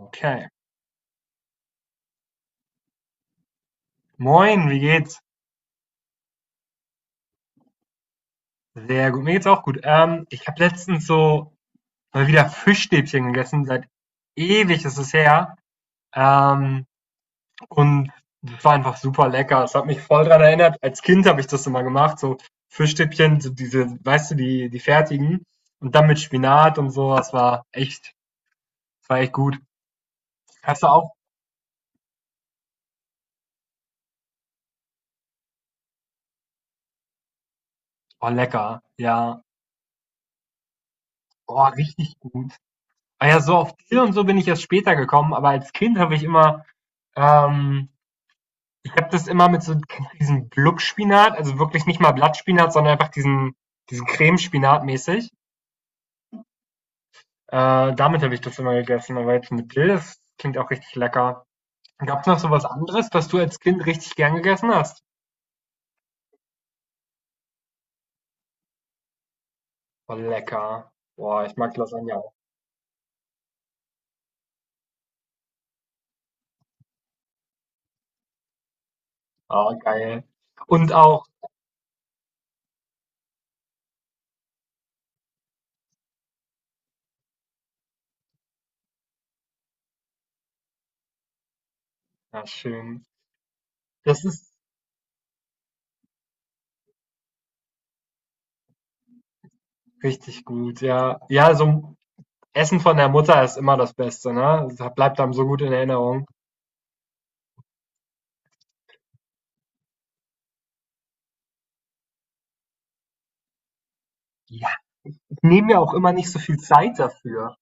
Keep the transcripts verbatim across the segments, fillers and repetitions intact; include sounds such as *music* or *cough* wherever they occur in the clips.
Okay. Moin, wie geht's? Sehr gut, mir geht's auch gut. Ähm, ich habe letztens so mal wieder Fischstäbchen gegessen, seit ewig ist es her. Ähm, und das war einfach super lecker. Es hat mich voll dran erinnert. Als Kind habe ich das immer gemacht, so Fischstäbchen, so diese, weißt du, die, die fertigen. Und dann mit Spinat und so, das war echt, das war echt gut. Hast du auch? Oh, lecker. Ja. Oh, richtig gut. Ah ja, so auf Dill und so bin ich erst später gekommen, aber als Kind habe ich immer. Ähm, Ich habe das immer mit so kennst du diesen Gluckspinat, also wirklich nicht mal Blattspinat, sondern einfach diesen, diesen Cremespinat mäßig. Äh, damit habe ich das immer gegessen, aber jetzt mit Dill, das klingt auch richtig lecker. Gab es noch so was anderes, was du als Kind richtig gern gegessen hast? Boah, lecker. Boah, ich mag Lasagne auch. Ah, geil. Und auch, ja, schön. Das ist richtig gut, ja. Ja, so Essen von der Mutter ist immer das Beste, ne? Das bleibt einem so gut in Erinnerung. Ja, ich nehme mir auch immer nicht so viel Zeit dafür.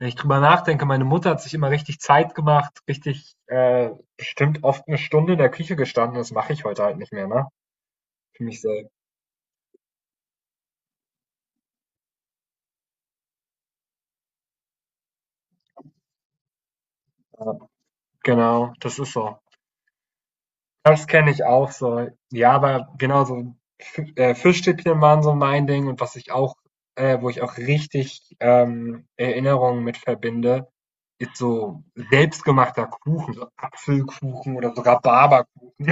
Wenn ich drüber nachdenke, meine Mutter hat sich immer richtig Zeit gemacht, richtig, äh, bestimmt oft eine Stunde in der Küche gestanden. Das mache ich heute halt nicht mehr, ne? Für mich selbst. Ja, genau, das ist so. Das kenne ich auch so. Ja, aber genau so, äh, Fischstäbchen waren so mein Ding und was ich auch äh, wo ich auch richtig, ähm, Erinnerungen mit verbinde, ist so selbstgemachter Kuchen, so Apfelkuchen oder so Rhabarberkuchen.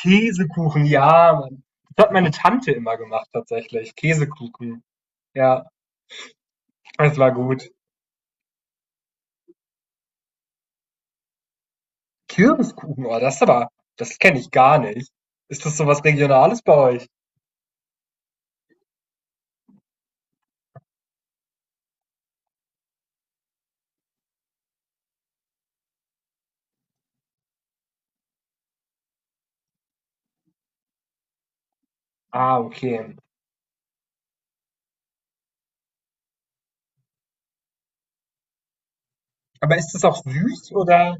Käsekuchen, ja, Mann. Das hat meine Tante immer gemacht tatsächlich, Käsekuchen. Ja, das war gut. Kürbiskuchen, oh, das ist aber das kenne ich gar nicht. Ist das so was Regionales bei euch? Ah, okay. Aber ist das auch süß oder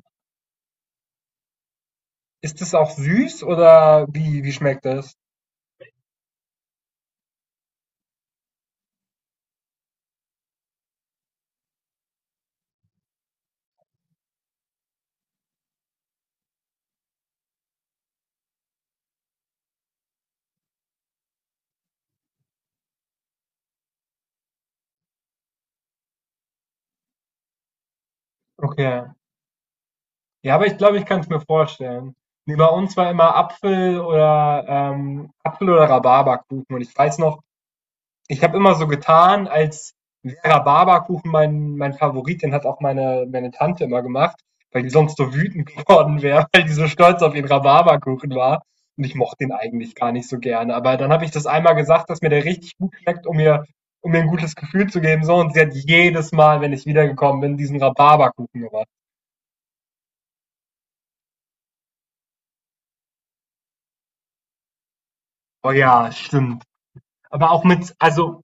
ist das auch süß oder wie wie schmeckt das? Okay. Ja, aber ich glaube, ich kann es mir vorstellen. Nee, bei uns war immer Apfel oder ähm, Apfel oder Rhabarberkuchen und ich weiß noch Ich habe immer so getan, als Vera Barberkuchen mein, mein Favorit, den hat auch meine, meine Tante immer gemacht, weil die sonst so wütend *laughs* geworden wäre, weil die so stolz auf ihren Rhabarberkuchen war. Und ich mochte den eigentlich gar nicht so gerne. Aber dann habe ich das einmal gesagt, dass mir der richtig gut schmeckt, um mir, um mir ein gutes Gefühl zu geben. So, und sie hat jedes Mal, wenn ich wiedergekommen bin, diesen Rhabarberkuchen gemacht. Oh ja, stimmt. Aber auch mit, also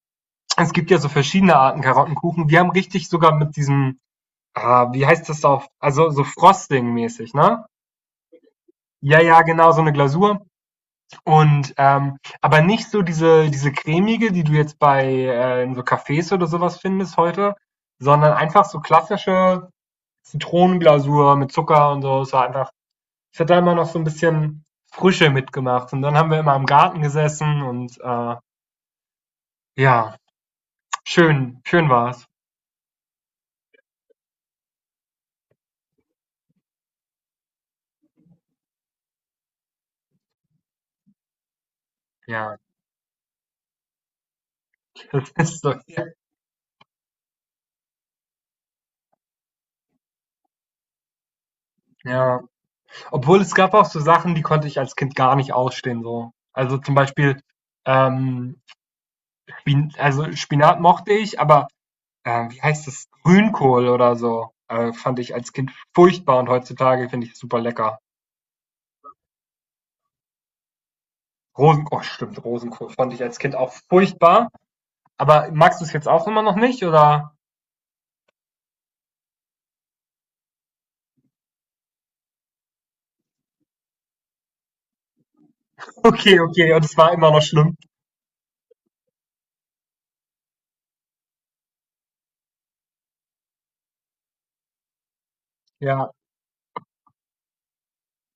es gibt ja so verschiedene Arten Karottenkuchen. Wir haben richtig sogar mit diesem ah, wie heißt das auf, also so Frosting-mäßig, ne? Ja, ja, genau, so eine Glasur. Und ähm, aber nicht so diese, diese cremige, die du jetzt bei äh, in so Cafés oder sowas findest heute, sondern einfach so klassische Zitronenglasur mit Zucker und so. Es war einfach, es hat da immer noch so ein bisschen Frische mitgemacht. Und dann haben wir immer im Garten gesessen und äh, ja, schön, schön war's. Ja, *laughs* das ist so, ja. Obwohl es gab auch so Sachen, die konnte ich als Kind gar nicht ausstehen, so. Also zum Beispiel, ähm, Spin also Spinat mochte ich, aber, äh, wie heißt das? Grünkohl oder so, äh, fand ich als Kind furchtbar und heutzutage finde ich es super lecker. Rosen oh stimmt, Rosenkohl fand ich als Kind auch furchtbar, aber magst du es jetzt auch immer noch nicht, oder? *laughs* Okay, okay, und es war immer noch schlimm. Ja,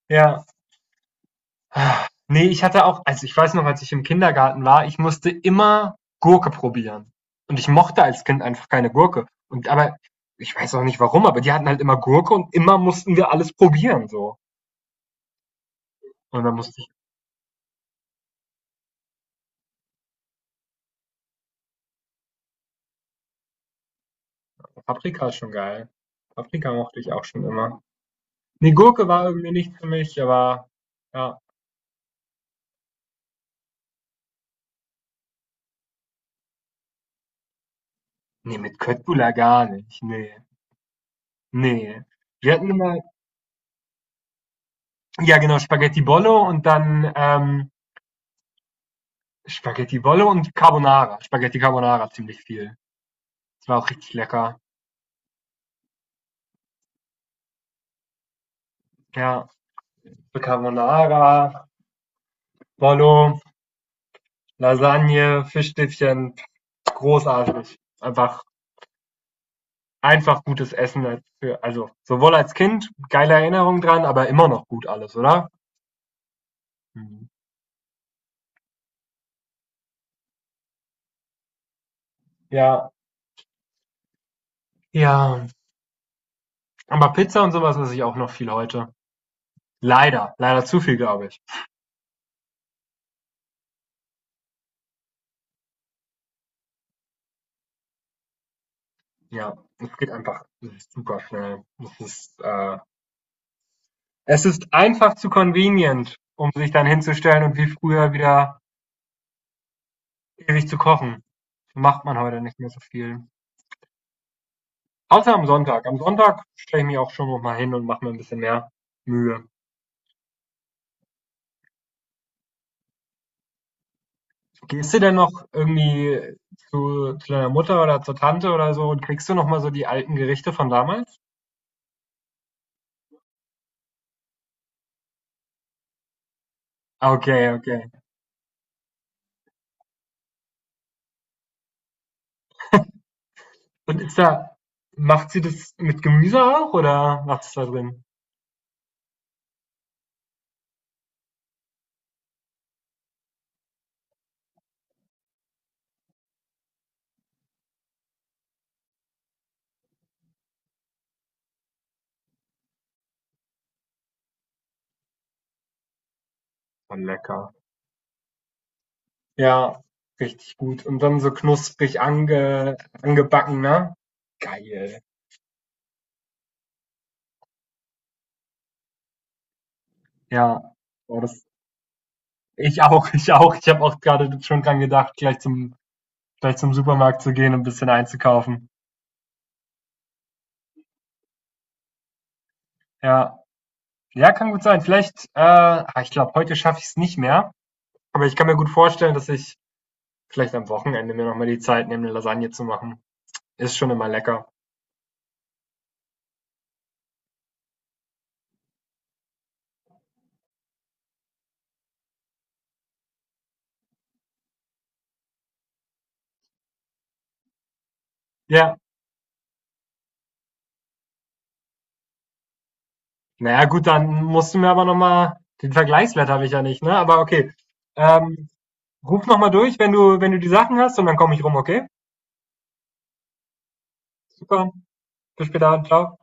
ja. Ne, ich hatte auch also, ich weiß noch, als ich im Kindergarten war, ich musste immer Gurke probieren. Und ich mochte als Kind einfach keine Gurke. Und aber ich weiß auch nicht warum, aber die hatten halt immer Gurke und immer mussten wir alles probieren so. Und dann musste ich Paprika ist schon geil. Paprika mochte ich auch schon immer. Ne, Gurke war irgendwie nicht für mich, aber ja. Ne, mit Köttbullar gar nicht. Ne, ne. Wir hatten immer ja genau, Spaghetti Bollo und dann, ähm, Spaghetti Bollo und Carbonara. Spaghetti Carbonara ziemlich viel. Es war auch richtig lecker. Ja, Carbonara, Bollo, Lasagne, Fischstäbchen, großartig. Einfach, einfach gutes Essen. Für, also sowohl als Kind, geile Erinnerung dran, aber immer noch gut alles, oder? Mhm. Ja, ja. Aber Pizza und sowas esse ich auch noch viel heute. Leider, leider zu viel, glaube ich. Ja, es geht einfach es ist super schnell. Es ist, äh, es ist einfach zu convenient, um sich dann hinzustellen und wie früher wieder ewig zu kochen. Macht man heute nicht mehr so viel. Außer am Sonntag. Am Sonntag stelle ich mich auch schon noch mal hin und mache mir ein bisschen mehr Mühe. Gehst du denn noch irgendwie zu, zu deiner Mutter oder zur Tante oder so und kriegst du noch mal so die alten Gerichte von damals? Ah, okay, okay. Und ist da, macht sie das mit Gemüse auch oder macht es da drin? Oh, lecker. Ja, richtig gut. Und dann so knusprig ange, angebacken, ne? Geil. Ja, oh, das Ich auch, ich auch. Ich habe auch gerade schon dran gedacht, gleich zum, gleich zum Supermarkt zu gehen und ein bisschen einzukaufen. Ja, ja, kann gut sein. Vielleicht, äh, ah, ich glaube, heute schaffe ich es nicht mehr. Aber ich kann mir gut vorstellen, dass ich vielleicht am Wochenende mir nochmal die Zeit nehme, eine Lasagne zu machen. Ist schon immer lecker. Ja, naja, gut, dann musst du mir aber nochmal, den Vergleichswert habe ich ja nicht, ne? Aber okay. Ähm, ruf nochmal durch, wenn du, wenn du die Sachen hast und dann komme ich rum, okay? Super. Bis später, ciao.